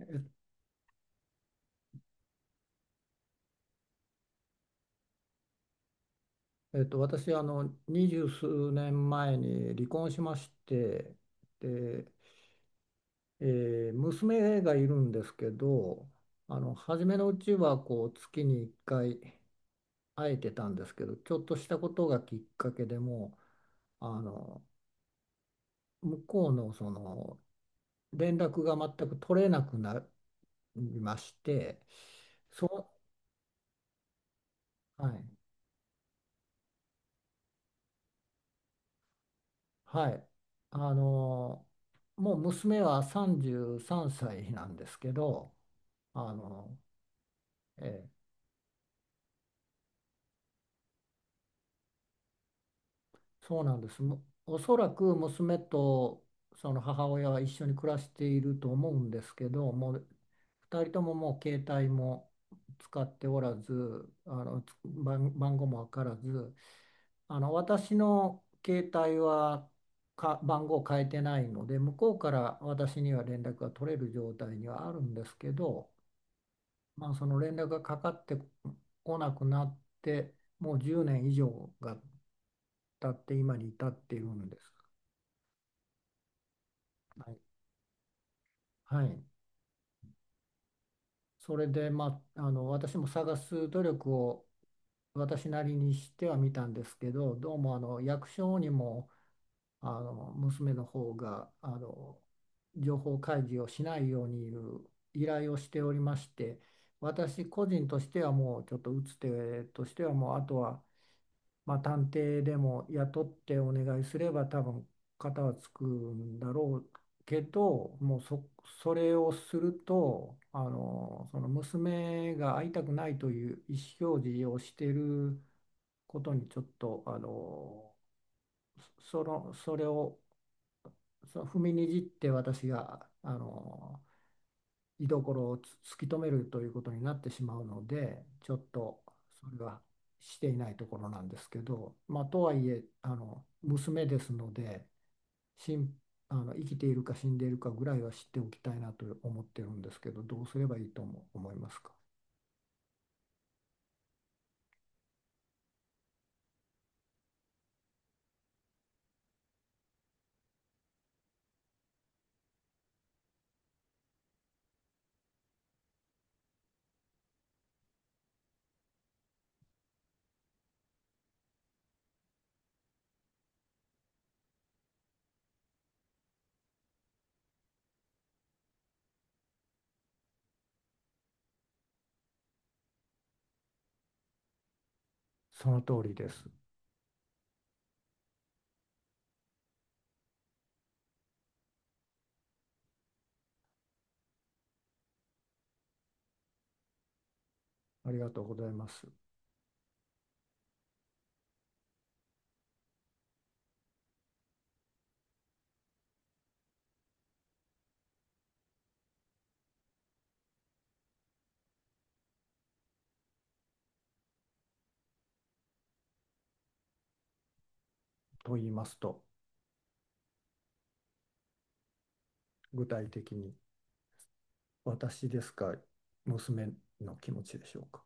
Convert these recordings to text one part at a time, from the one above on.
え、私、二十数年前に離婚しまして、で、娘がいるんですけど、初めのうちは、月に1回会えてたんですけど、ちょっとしたことがきっかけでもう、向こうの、連絡が全く取れなくなりまして、そう、はい、はい。あの、もう娘は33歳なんですけど、あの、えーそうなんです。おそらく娘とその母親は一緒に暮らしていると思うんですけど、もう2人とももう携帯も使っておらず、あのつ番、番号もわからず、私の携帯は番号を変えてないので、向こうから私には連絡が取れる状態にはあるんですけど、まあ、その連絡がかかってこなくなって、もう10年以上がたって今に至っているんです。はい。はい。それで、まあ、私も探す努力を私なりにしてはみたんですけど、どうも役所にも娘の方が情報開示をしないようにいう依頼をしておりまして、私個人としてはもうちょっと打つ手としてはもうあとはまあ、探偵でも雇ってお願いすれば多分型はつくんだろうけどもうそれをするとその娘が会いたくないという意思表示をしていることにちょっとそれを踏みにじって私が居所を突き止めるということになってしまうのでちょっとそれはしていないところなんですけど、まあ、とはいえあの娘ですのでしんあの生きているか死んでいるかぐらいは知っておきたいなと思ってるんですけど、どうすればいいと思いますか？その通りです。ありがとうございます。と言いますと、具体的に私ですか？娘の気持ちでしょうか？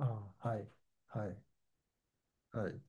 ああ、はい、はい、はい、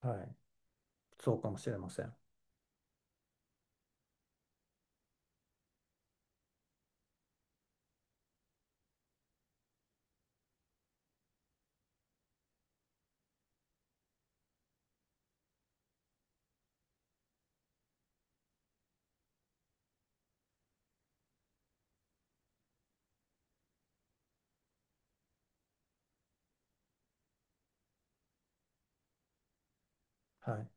はい、そうかもしれません。はい。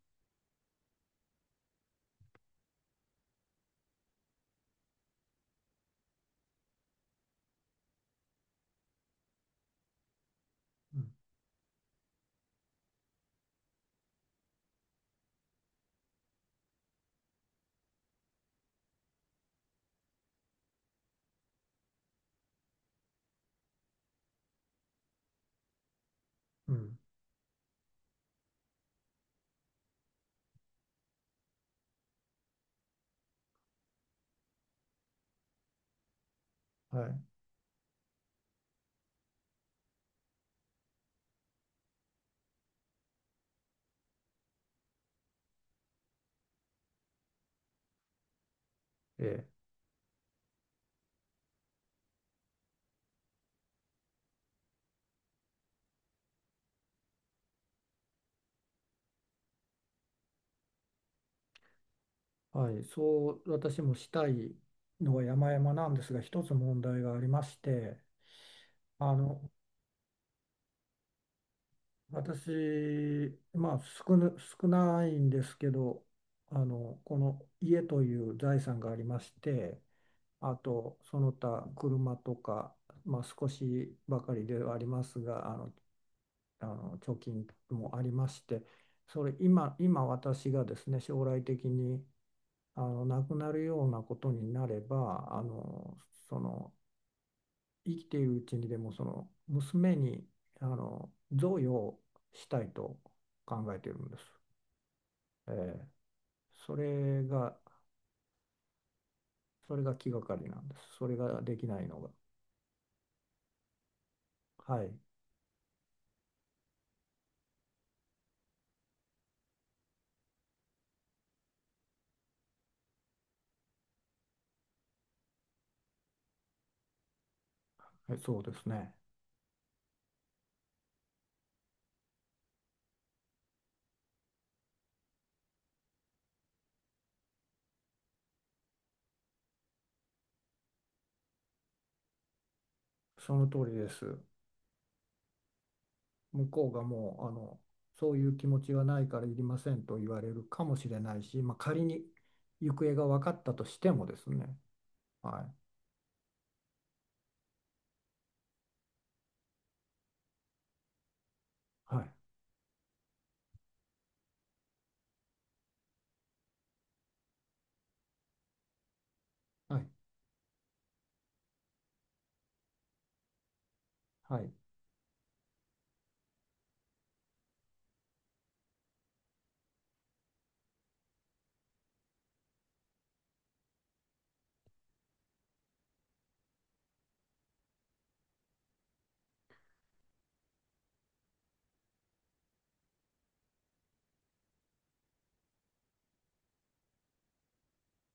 うん、うん、はい、ええ、はい、そう、私もしたいのは山々なんですが、一つ問題がありまして、あの私、まあ少ないんですけど、この家という財産がありまして、あとその他車とか、まあ、少しばかりではありますが、貯金もありまして、それ今、今私がですね、将来的に亡くなるようなことになればその生きているうちにでもその娘に贈与したいと考えているんです。ええ、それがそれが気がかりなんです。それができないのが。はい、そうですね。その通りです。向こうがもうそういう気持ちはないからいりませんと言われるかもしれないし、まあ、仮に行方が分かったとしてもですね。はい、はい、はい、はい。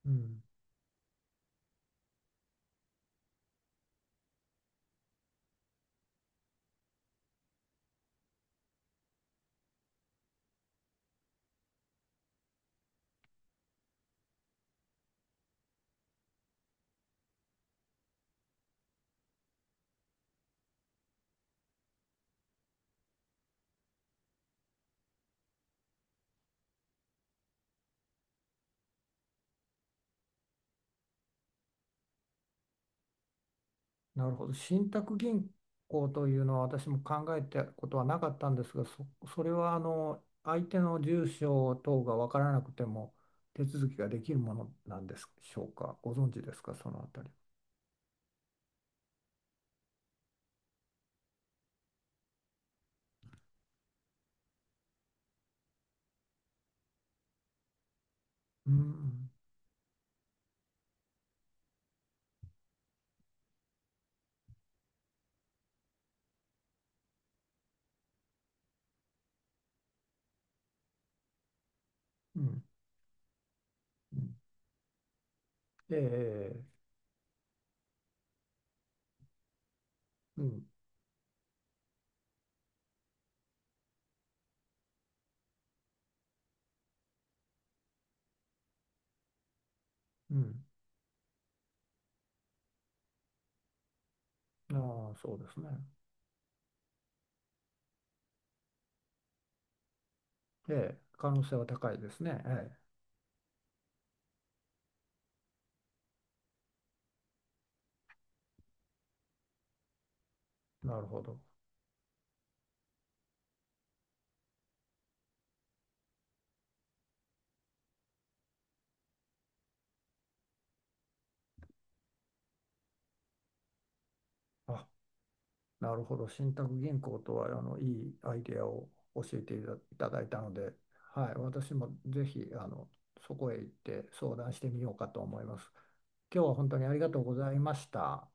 うん、なるほど。信託銀行というのは私も考えたことはなかったんですが、それはあの相手の住所等が分からなくても手続きができるものなんでしょうか？ご存知ですか、そのあたり。うん、うん、うん。ええ、うん、うん。ああ、そうですね。ええ、可能性は高いですね。ええ、なるほど。あなるほど。信託銀行とは、あの、いいアイデアを教えていただいたので、はい。私もぜひ、あの、そこへ行って相談してみようかと思います。今日は本当にありがとうございました。